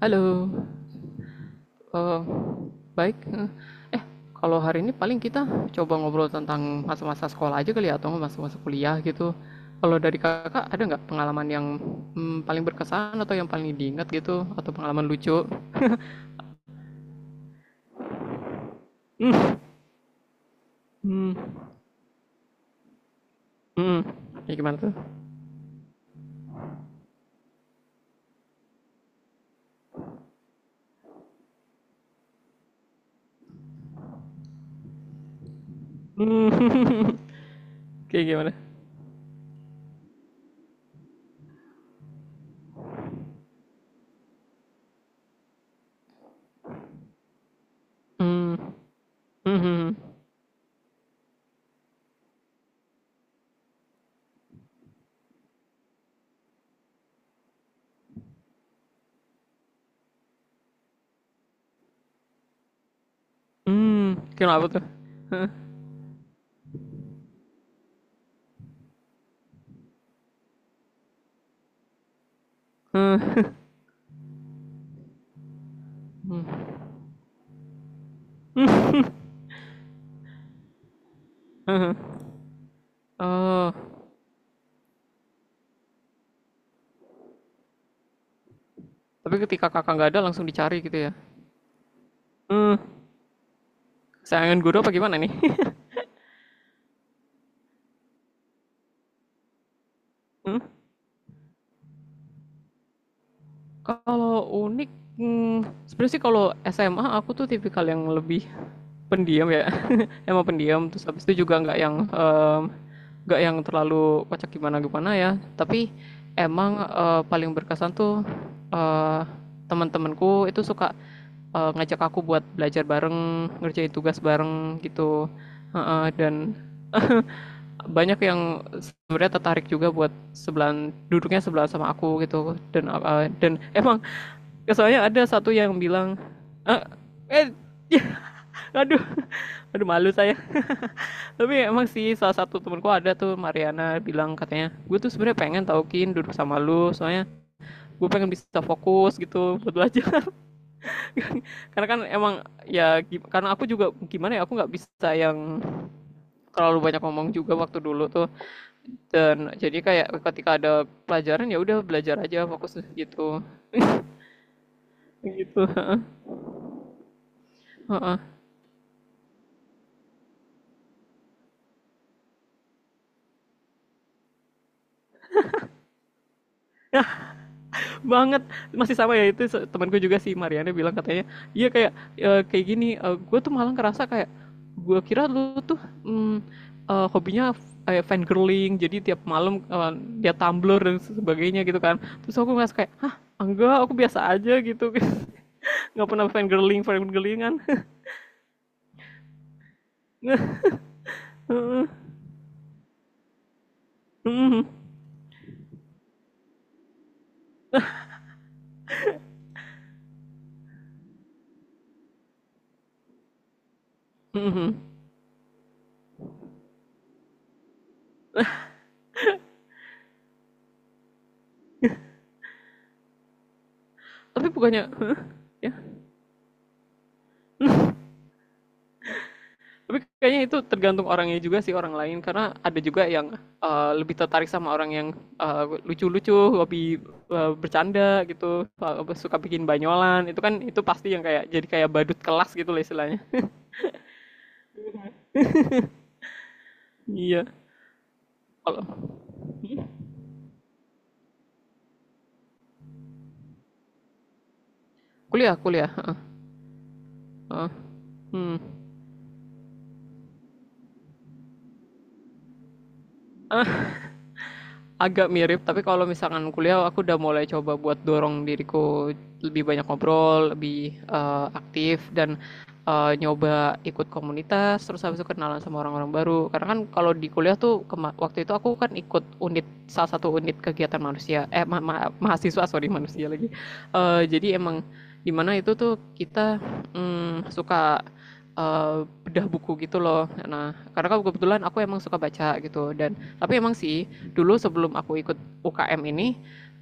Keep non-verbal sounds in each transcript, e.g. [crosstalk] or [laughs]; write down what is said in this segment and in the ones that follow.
Halo, eh, baik. Eh, Kalau hari ini paling kita coba ngobrol tentang masa-masa sekolah aja kali ya, atau masa-masa kuliah gitu. Kalau dari kakak ada nggak pengalaman yang paling berkesan atau yang paling diingat gitu, atau pengalaman lucu? Hmm, hmm, hmm. Ya gimana tuh? Hmm. [laughs] Kayak gimana? Hmm, hmm, hmm, hmm. Kenapa tuh? Hah? Hah? Hmm. [laughs] Oh, tapi ketika kakak nggak ada langsung dicari gitu ya? Hmm. Sayangan guru apa gimana nih? Hmm? Kalau unik, hmm, sebenarnya sih kalau SMA aku tuh tipikal yang lebih pendiam ya, [laughs] emang pendiam. Terus habis itu juga nggak yang nggak yang terlalu kocak gimana gimana ya. Tapi emang paling berkesan tuh eh, teman-temanku itu suka ngajak aku buat belajar bareng, ngerjain tugas bareng gitu. Heeh, dan [laughs] banyak yang sebenarnya tertarik juga buat sebelahan duduknya sebelah sama aku gitu dan emang ya soalnya ada satu yang bilang, "Ah, eh ya, aduh aduh malu saya, tapi emang sih salah satu temanku ada tuh Mariana bilang katanya gue tuh sebenarnya pengen tau Kin duduk sama lu soalnya gue pengen bisa fokus gitu buat belajar [laughs] karena kan emang ya karena aku juga gimana ya aku nggak bisa yang terlalu banyak ngomong juga waktu dulu tuh. Dan jadi kayak ketika ada pelajaran ya udah belajar aja fokus gitu. Gitu. [laughs] Banget, masih sama ya itu temanku juga si Mariana bilang katanya, "Iya kayak kayak gini, gue tuh malah ngerasa kayak gue kira lu tuh mm, hobinya fangirling, jadi tiap malam dia Tumblr dan sebagainya gitu kan." Terus aku ngerasa kayak, "Hah, enggak, aku biasa aja gitu." [laughs] Nggak pernah fangirling, fangirlingan. [laughs] [laughs] [laughs] [laughs] Heeh. Mhm. Mhm. Tapi bukannya [laughs] tapi kayaknya itu tergantung orangnya juga sih orang lain karena ada juga yang lebih tertarik sama orang yang eh, lucu-lucu, hobi bercanda gitu, eh, suka bikin banyolan. Itu kan itu pasti yang kayak jadi kayak badut kelas gitu lah istilahnya. Iya. Kalau kuliah, kuliah. Heeh. Hmm. Agak mirip tapi kalau misalkan kuliah aku udah mulai coba buat dorong diriku lebih banyak ngobrol lebih aktif dan nyoba ikut komunitas terus habis itu kenalan sama orang-orang baru karena kan kalau di kuliah tuh waktu itu aku kan ikut unit salah satu unit kegiatan manusia mahasiswa sorry manusia lagi. Jadi emang dimana itu tuh kita suka eh, bedah buku gitu loh, nah karena kan kebetulan aku emang suka baca gitu dan tapi emang sih dulu sebelum aku ikut UKM ini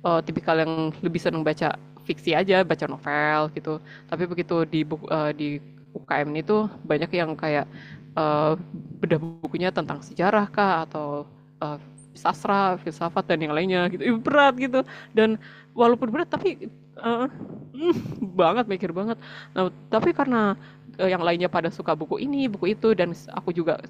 tipikal yang lebih seneng baca fiksi aja, baca novel gitu. Tapi begitu di di UKM ini tuh banyak yang kayak eh, bedah bukunya tentang sejarah kah atau eh, sastra, filsafat dan yang lainnya gitu. Ih, berat gitu. Dan walaupun berat tapi eh, mm, banget mikir banget. Nah, tapi karena yang lainnya pada suka buku ini, buku itu dan aku juga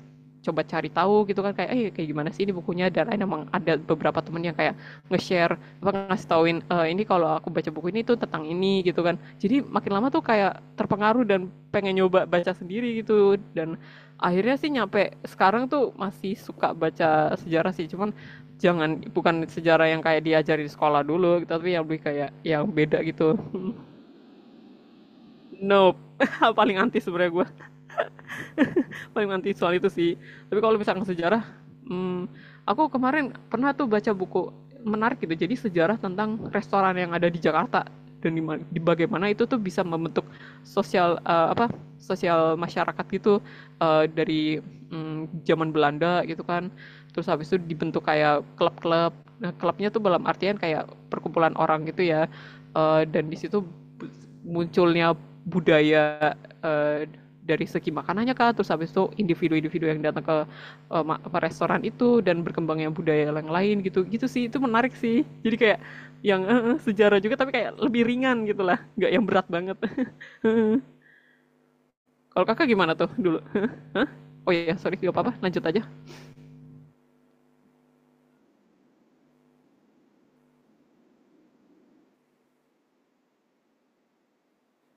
coba cari tahu gitu kan kayak kayak gimana sih ini bukunya dan lain emang ada beberapa temen yang kayak nge-share apa ngasih tauin, "Eh, ini kalau aku baca buku ini tuh tentang ini gitu kan jadi makin lama tuh kayak terpengaruh dan pengen nyoba baca sendiri gitu dan akhirnya sih nyampe sekarang tuh masih suka baca sejarah sih cuman jangan bukan sejarah yang kayak diajari di sekolah dulu gitu tapi yang lebih kayak yang beda gitu. Nope, [laughs] paling anti sebenarnya gue, paling anti soal itu sih. Tapi kalau misalkan sejarah, hmm, aku kemarin pernah tuh baca buku menarik gitu jadi sejarah tentang restoran yang ada di Jakarta dan di bagaimana itu tuh bisa membentuk sosial apa sosial masyarakat gitu dari zaman Belanda gitu kan, terus habis itu dibentuk kayak klub-klub, nah klubnya tuh dalam artian kayak perkumpulan orang gitu ya. Eh, dan di situ munculnya budaya dari segi makanannya kah terus habis itu individu-individu yang datang ke restoran itu dan berkembangnya budaya yang lain gitu gitu sih itu menarik sih. Jadi kayak yang sejarah juga tapi kayak lebih ringan gitulah, nggak yang berat banget. Kalau kakak gimana tuh dulu? Oh iya sorry nggak apa-apa lanjut aja.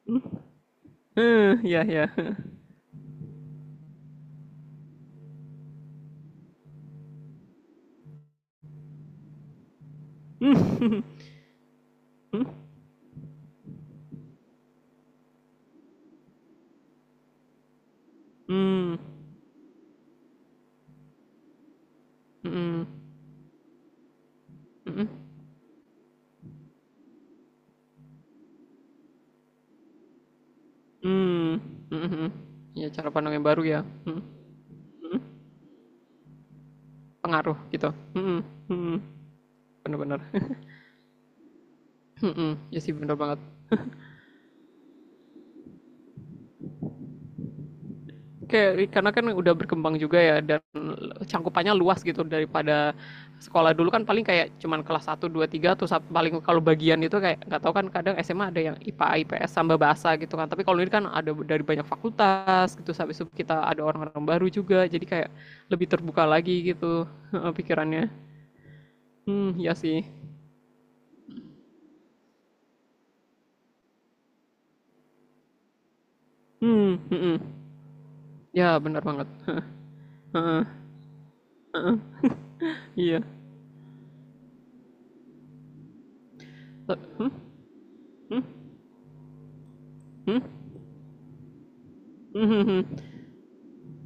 Hmm. Eh, Ya ya. Hmm, hmm, hmm, hmm, hmm, hmm, hmm, hmm. Ya cara pandang yang baru ya. Hmm. Pengaruh gitu. Hmm, hmm, hmm. Bener-bener. Hmm. Ya sih bener banget. Kayak karena kan udah berkembang juga ya dan cangkupannya luas gitu daripada sekolah dulu kan paling kayak cuman kelas satu 2 3 tuh, paling kalau bagian itu kayak nggak tahu kan kadang SMA ada yang IPA, IPS sama bahasa gitu kan. Tapi kalau ini kan ada dari banyak fakultas gitu sampai itu kita ada orang-orang baru juga. Jadi kayak lebih terbuka lagi gitu pikirannya. Hmm, ya sih. Hmm. Ya, benar banget. [laughs] Iya. Hmm, hmm, hmm, hmm.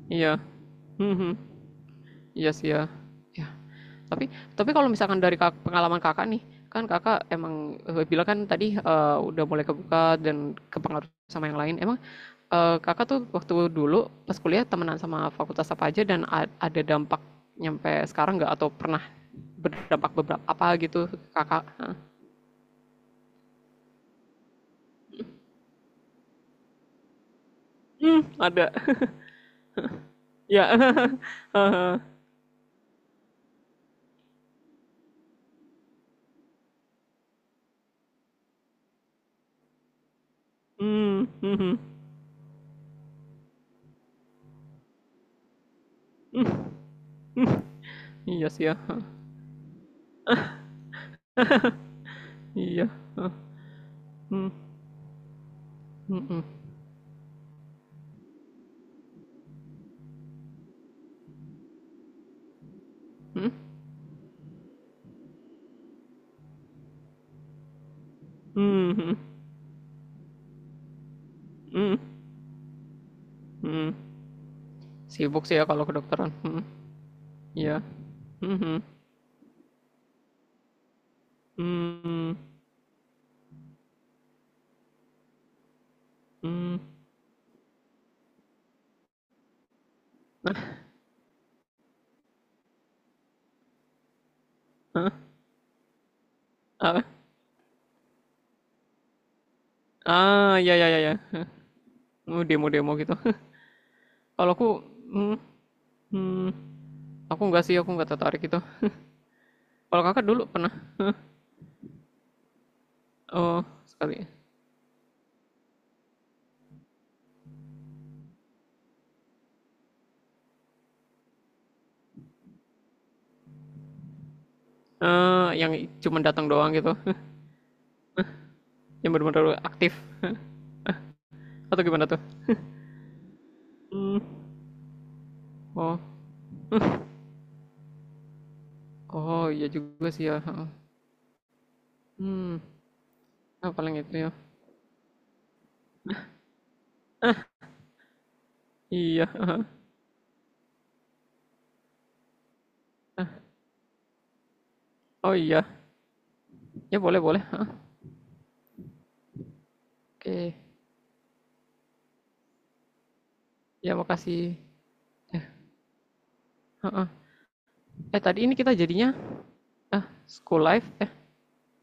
Iya. Hmm. Iya sih ya. Ya, Tapi tapi kalau misalkan dari pengalaman Kakak nih, kan Kakak emang bilang kan tadi udah mulai kebuka dan kepengaruh sama yang lain. Emang Kakak tuh waktu dulu pas kuliah temenan sama fakultas apa aja dan ada dampak nyampe sekarang nggak atau pernah berdampak beberapa apa gitu Kakak? Hmm, ada. Ya. [laughs] Haha. Hmm. Hmm, hmm. Iya sih ya. Hah, iya. Hmm, hmm. Hmm, hmm. Hmm, hmm. Sibuk sih ya kalau kedokteran. Mhm. Iya. Mhm. Mmm, mmm. Ah, ya ya ya. Iya. Mau demo-demo gitu. [laughs] Kalau aku mmm, mmm, aku nggak sih, aku nggak tertarik itu. Kalau Kakak dulu pernah? Oh, sekali. Eh, yang cuma datang doang gitu, [laughs] yang bener-bener aktif [laughs] atau gimana tuh? Mmm, oh, oh iya juga sih ya, heeh. Mmm, ah, paling itu ya. Iya, [laughs] oh iya, ya boleh boleh, heeh. Oke, ya makasih. Heeh. Eh tadi ini kita jadinya ah school life eh